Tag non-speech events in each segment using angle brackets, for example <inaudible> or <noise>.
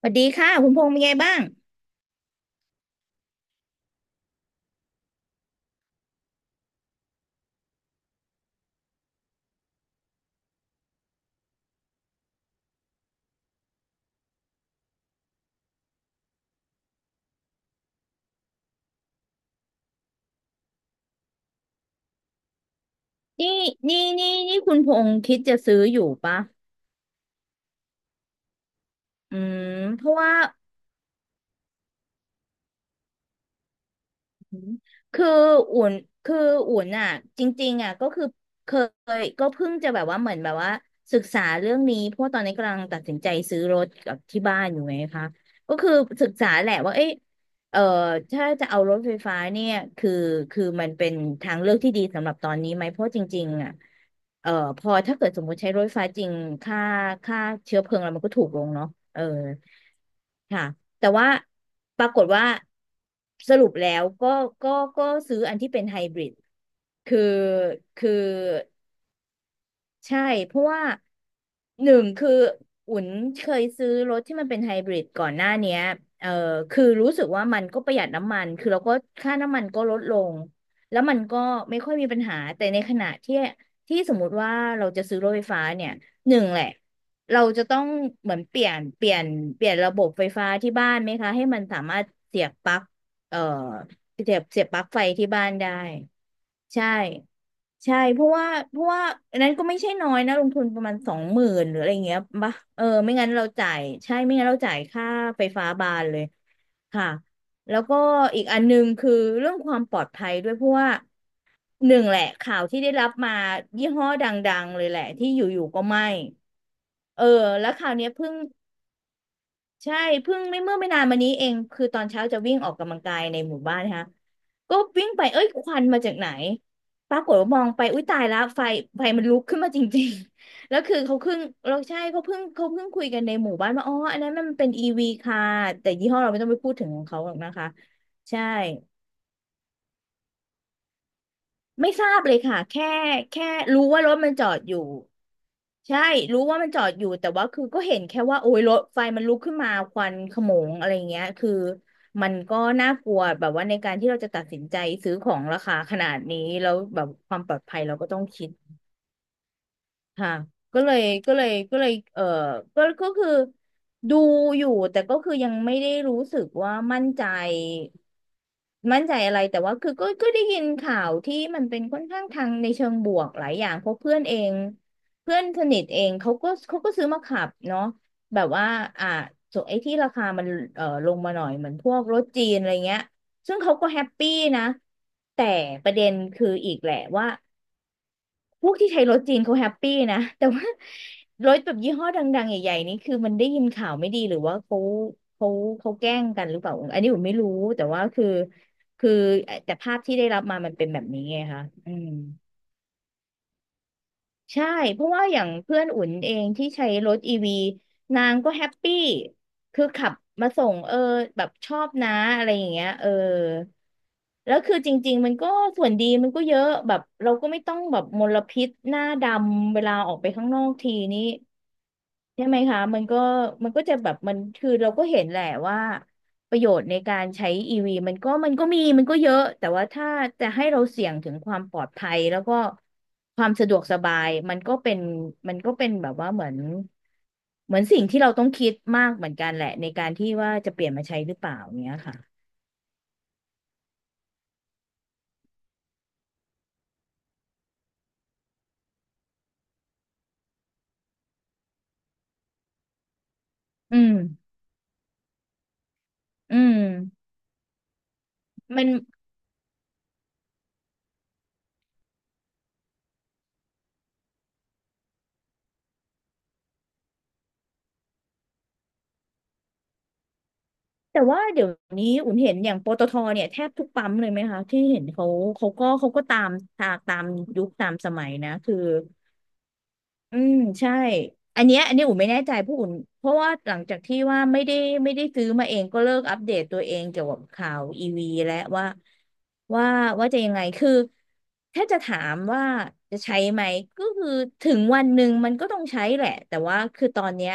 สวัสดีค่ะคุณพงษ์เป็นไงบ้างนี่นี่คุณพงษ์คิดจะซื้ออยู่ปะอืมเพราะว่าอืมคืออุ่นคืออุ่นอ่ะจริงๆอ่ะก็คือเคยก็เพิ่งจะแบบว่าเหมือนแบบว่าศึกษาเรื่องนี้เพราะว่าตอนนี้กำลังตัดสินใจซื้อรถกับที่บ้านอยู่ไงคะก็คือศึกษาแหละว่าเอ๊ะ เอ่อถ้าจะเอารถไฟฟ้าเนี่ยคือคือมันเป็นทางเลือกที่ดีสำหรับตอนนี้ไหมเพราะจริงๆอ่ะเอ่อพอถ้าเกิดสมมติใช้รถไฟฟ้าจริงค่าค่าเชื้อเพลิงอะไรมันก็ถูกลงเนาะเออค่ะแต่ว่าปรากฏว่าสรุปแล้วก็ก็ก็ซื้ออันที่เป็นไฮบริดคือคือ ใช่เพราะว่าหนึ่งคืออุ่นเคยซื้อรถที่มันเป็นไฮบริดก่อนหน้าเนี้ยเออคือรู้สึกว่ามันก็ประหยัดน้ำมันคือเราก็ค่าน้ำมันก็ลดลงแล้วมันก็ไม่ค่อยมีปัญหาแต่ในขณะที่สมมุติว่าเราจะซื้อรถไฟฟ้าเนี่ยหนึ่งแหละเราจะต้องเหมือนเปลี่ยนระบบไฟฟ้าที่บ้านไหมคะให้มันสามารถเสียบปลั๊กเอ่อ เสียบปลั๊กไฟที่บ้านได้ใช่เพราะว่าอันนั้นก็ไม่ใช่น้อยนะลงทุนประมาณ20,000หรืออะไรเงี้ยปะเออไม่งั้นเราจ่ายใช่ไม่งั้นเราจ่ายค่าไฟฟ้าบานเลยค่ะแล้วก็อีกอันหนึงคือเรื่องความปลอดภัยด้วยเพราะว่าหนึ่งแหละข่าวที่ได้รับมายี่ห้อดังๆเลยแหละที่อยู่ๆก็ไหม้เออแล้วคราวเนี้ยเพิ่ง ใช่เพิ่งไม่เมื่อไม่นานมานี้เองคือตอนเช้าจะวิ่งออกกำลังกายในหมู่บ้านนะคะก็วิ่งไปเอ้ยควันมาจากไหนปรากฏว่ามองไปอุ้ยตายแล้วไฟมันลุกขึ้นมาจริงๆ <laughs> แล้วคือเขาเพิ่งเราใช่เขาเพิ่งคุยกันในหมู่บ้านว่าอ๋ออันนั้นมันเป็นอีวีค่ะแต่ยี่ห้อเราไม่ต้องไปพูดถึงของเขาหรอกนะคะใช่ ไม่ทราบเลยค่ะแค่แค่รู้ว่ารถมันจอดอยู่ใช่รู้ว่ามันจอดอยู่แต่ว่าคือก็เห็นแค่ว่าโอ้ยรถไฟมันลุกขึ้นมาควันโขโมงอะไรเงี้ยคือมันก็น่ากลัวแบบว่าในการที่เราจะตัดสินใจซื้อของราคาขนาดนี้แล้วแบบความปลอดภัยเราก็ต้องคิด ค่ะก็เลยเออก็คือดูอยู่แต่ก็คือยังไม่ได้รู้สึกว่ามั่นใจอะไรแต่ว่าคือก็ได้ยินข่าวที่มันเป็นค่อนข้างทางในเชิงบวกหลายอย่างเพราะเพื่อนเองเพื่อนสนิทเองเขาก็ซื้อมาขับเนาะแบบว่าอ่าส่วนไอ้ที่ราคามันเออลงมาหน่อยเหมือนพวกรถจีนอะไรเงี้ยซึ่งเขาก็แฮปปี้นะแต่ประเด็นคืออีกแหละว่า พวกที่ใช้รถจีนเขาแฮปปี้นะแต่ว่ารถแบบยี่ห้อดังๆใหญ่ๆนี่คือมันได้ยินข่าวไม่ดีหรือว่าเขาเขาแกล้งกันหรือเปล่าอันนี้ผมไม่รู้แต่ว่าคือแต่ภาพที่ได้รับมามันเป็นแบบนี้ไงคะอืม ใช่เพราะว่าอย่างเพื่อนอุ่นเองที่ใช้รถอีวีนางก็แฮปปี้คือขับมาส่งเออแบบชอบนะอะไรอย่างเงี้ยเออแล้วคือจริงๆมันก็ส่วนดีมันก็เยอะแบบเราก็ไม่ต้องแบบมลพิษหน้าดำเวลาออกไปข้างนอกทีนี้ ใช่ไหมคะมันก็จะแบบมันคือเราก็เห็นแหละว่าประโยชน์ในการใช้อีวีมันก็มีมันก็เยอะแต่ว่าถ้าจะให้เราเสี่ยงถึงความปลอดภัยแล้วก็ความสะดวกสบายมันก็เป็นแบบว่าเหมือนสิ่งที่เราต้องคิดมากเหมือนกันแหละในการที่ว่าจะเปลี่ยนมาใช้หรือเปล่าเนี้ยค่ะอืมอืมมัน แต่ว่าเดี๋ยวนี้อุ่นเห็นอย่างปตทเนี่ยแทบทุกปั๊มเลยไหมคะที่เห็นเขาเขาก็ตามยุคตามสมัยนะคืออืมใช่อันนี้อุ่นไม่แน่ใจเพราะอุ่นเพราะว่าหลังจากที่ว่าไม่ได้ซื้อมาเองก็เลิกอัปเดตตัวเองเกี่ยวกับข่าวอีวีและว่าว่าว่าจะยังไงคือถ้าจะถามว่าจะใช้ไหมก็คือถึงวันหนึ่งมันก็ต้องใช้แหละแต่ว่าคือตอนเนี้ย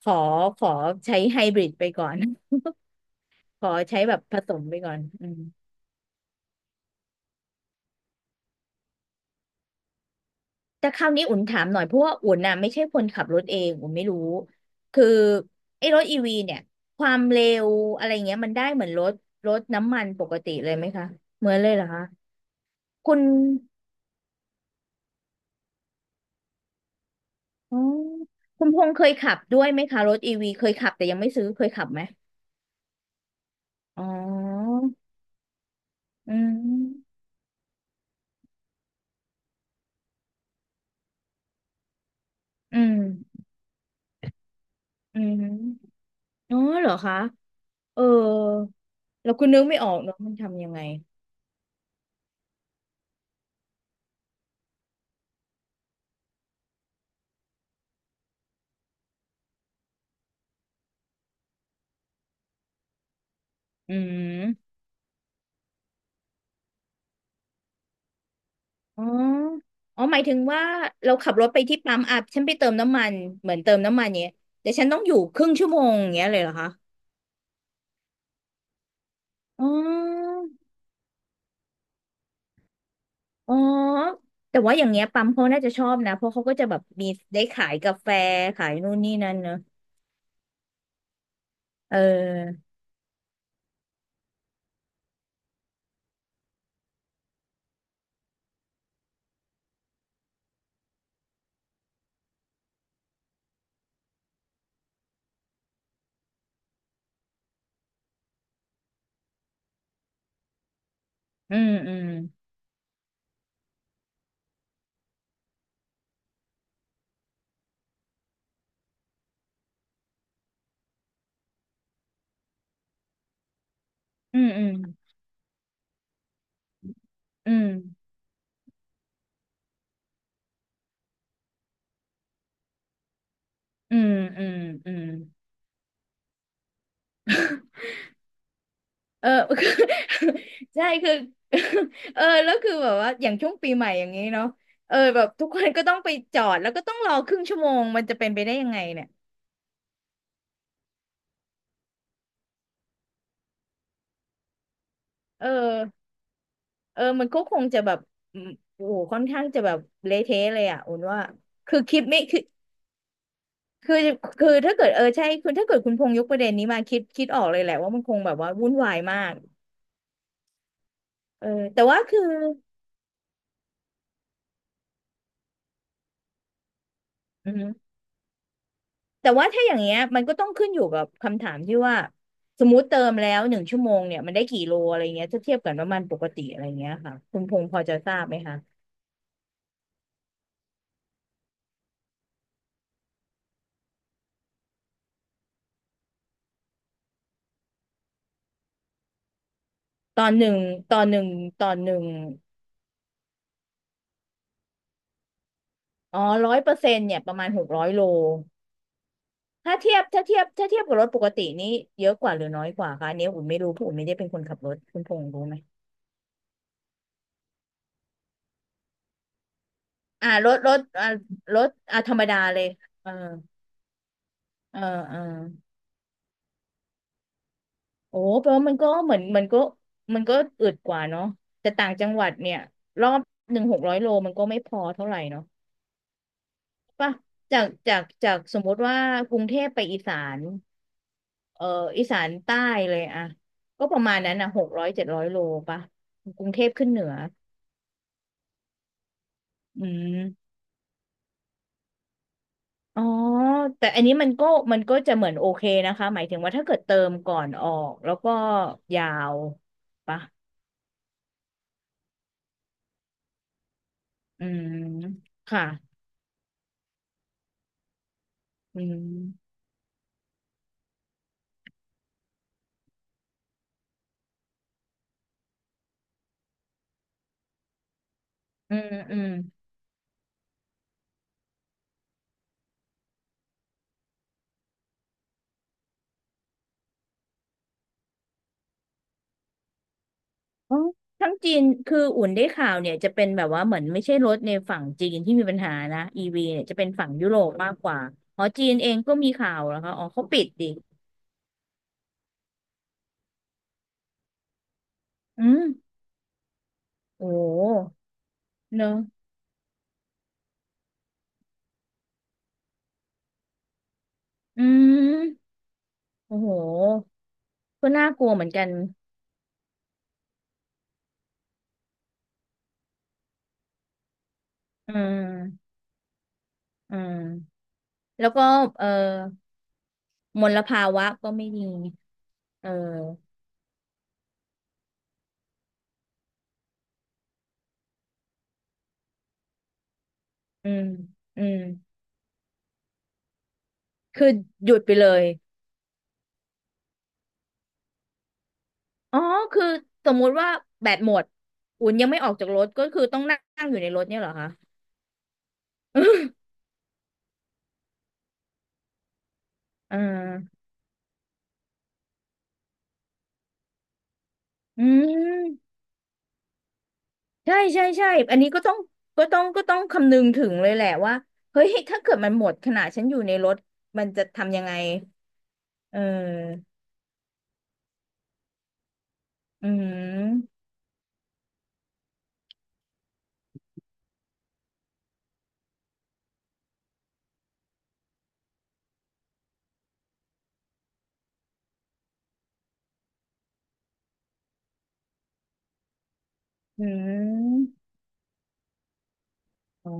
ขอขอใช้ไฮบริดไปก่อน ขอใช้แบบผสมไปก่อนอืมแต่คราวนี้อุ่นถามหน่อยเพราะว่าอุ่นน่ะไม่ใช่คนขับรถเองอุ่นไม่รู้คือไอ้รถอีวีเนี่ยความเร็วอะไรเงี้ยมันได้เหมือนรถน้ำมันปกติเลยไหมคะเหมือนเลยเหรอคะคุณอ๋อคุณพงษ์เคยขับด้วยไหมคะรถอีวีเคยขับแต่ยังไม่ซื้อเคยขับไหมอ๋ออืมอืมอืมอ๋อเหรอคะเออแล้วคุณนึกไม่ออกเนาะมันทำยังไงอืม อ๋ออ๋อหมายถึงว่าเราขับรถไปที่ปั๊มอ่ะฉันไปเติมน้ำมันเหมือนเติมน้ำมันเนี้ยแต่ฉันต้องอยู่ครึ่งชั่วโมงอย่างเงี้ยเลยเหรอคะอ๋ออ๋อแต่ว่าอย่างเงี้ยปั๊มเขาน่าจะชอบนะ เพราะเขาก็จะแบบมีได้ขายกาแฟขายนู่นนี่นั่นเนอะเออ อืมอืมอืมอืมอืมอืมอืมอืม เออ <laughs> ใช่คือ <laughs> เออแล้วคือแบบว่าอย่างช่วงปีใหม่อย่างนี้เนาะเออแบบทุกคนก็ต้องไปจอดแล้วก็ต้องรอครึ่งชั่วโมงมันจะเป็นไปได้ยังไงเนี่ยเออเออมันก็คงจะแบบอืมโอ้โหค่อนข้างจะแบบเละเทะเลยอ่ะอุ่นว่าคือคิดไม่คือคือคือถ้าเกิดเออใช่คุณถ้าเกิดคุณพงษ์ยกประเด็นนี้มาคิดออกเลยแหละว่ามันคงแบบว่าวุ่นวายมากเออแต่ว่าคืออืม แต่ว่าถ้าอย่างเงี้ยมันก็ต้องขึ้นอยู่กับคำถามที่ว่าสมมติเติมแล้ว1 ชั่วโมงเนี่ยมันได้กี่โลอะไรเงี้ยถ้าเทียบกับน้ำมันปกติอะไรเงี้ยค่ะคุณพงษ์พอจะทราบไหมคะตอนหนึ่งตอนหนึ่งตอนหนึ่งอ๋อ100%เนี่ยประมาณหกร้อยโลถ้าเทียบถ้าเทียบถ้าเทียบกับรถปกตินี่เยอะกว่าหรือน้อยกว่าคะอันนี้อุ่นไม่รู้เพราะอุ่นไม่ได้เป็นคนขับรถคุณพงษ์รู้ไหมอ่ารถอ่ารถอ่าธรรมดาเลยเออเออเออ โอ้แปลว่ามันก็เหมือนมันก็มันก็อึดกว่าเนาะแต่ต่างจังหวัดเนี่ยรอบหนึ่งหกร้อยโลมันก็ไม่พอเท่าไหร่เนาะป่ะจากสมมติว่ากรุงเทพไปอีสานเอ่ออีสานใต้เลยอะก็ประมาณนั้นอะ600 700 โลป่ะกรุงเทพขึ้นเหนืออืมอ๋อแต่อันนี้มันก็มันก็จะเหมือนโอเคนะคะหมายถึงว่าถ้าเกิดเติมก่อนออกแล้วก็ยาวป่ะอืมค่ะอืมอืมอืม อ๋อทั้งจีนคืออุ่นได้ข่าวเนี่ยจะเป็นแบบว่าเหมือนไม่ใช่รถในฝั่งจีนที่มีปัญหานะอีวีเนี่ยจะเป็นฝั่งยุโรปมากกว่าอ๋อจีนเองก็มีข่าวแล้วค่ะอ๋อเขาปิดดิอืมโอ้โหเนอะอืมโอ้โหก็น่ากลัวเหมือนกันอืมอืมแล้วก็เออมลภาวะก็ไม่ดีเอออืมอืมคือหยุดไปเลย อ๋อ คือสมมุติว่าแบตหมดอุ่นยังไม่ออกจากรถก็คือต้องนั่งอยู่ในรถเนี่ยเหรอคะ <laughs> อ่าอืมใช่ ใช่ใช่อันนี้ก็ต้องก็ต้องคำนึงถึงเลยแหละว่า เฮ้ยถ้าเกิดมันหมดขณะฉันอยู่ในรถ มันจะทำยังไงเอออืมอืมอ๋อ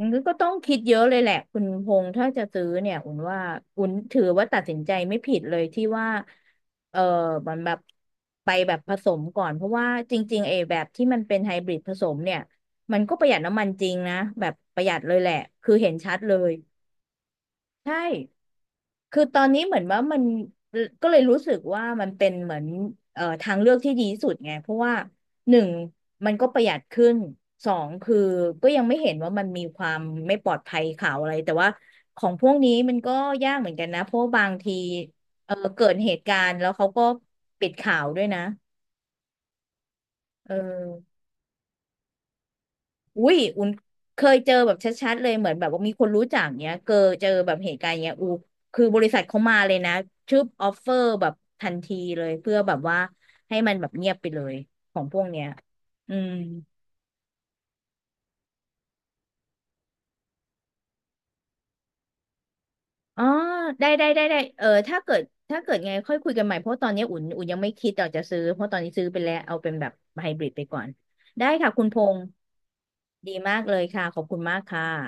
มันก็ต้องคิดเยอะเลยแหละคุณพงษ์ถ้าจะซื้อเนี่ยอุ่นว่าอุ่นถือว่าตัดสินใจไม่ผิดเลยที่ว่าเออมันแบบไปแบบผสมก่อนเพราะว่าจริงๆไอ้แบบที่มันเป็นไฮบริดผสมเนี่ยมันก็ประหยัดน้ำมันจริงนะแบบประหยัดเลยแหละคือเห็นชัดเลย ใช่คือตอนนี้เหมือนว่ามันก็เลยรู้สึกว่ามันเป็นเหมือนเอ่อทางเลือกที่ดีที่สุดไงเพราะว่าหนึ่งมันก็ประหยัดขึ้นสองคือก็ยังไม่เห็นว่ามันมีความไม่ปลอดภัยข่าวอะไรแต่ว่าของพวกนี้มันก็ยากเหมือนกันนะเพราะว่าบางทีเออเกิดเหตุการณ์แล้วเขาก็ปิดข่าวด้วยนะเออ อุ้ยอุ่นเคยเจอแบบชัดๆเลยเหมือนแบบว่ามีคนรู้จักเนี้ยเกอเจอแบบเหตุการณ์เนี้ยอูคือบริษัทเขามาเลยนะชื่อออฟเฟอร์แบบทันทีเลยเพื่อแบบว่าให้มันแบบเงียบไปเลยของพวกเนี้ยอืมอ๋อได้เออถ้าเกิดไงค่อยคุยกันใหม่ เพราะตอนนี้อุ่นยังไม่คิดอยากจะซื้อ เพราะตอนนี้ซื้อไปแล้วเอาเป็นแบบไฮบริดไปก่อน ได้ค่ะคุณพงษ์ดีมากเลยค่ะ ขอบคุณมากค่ะ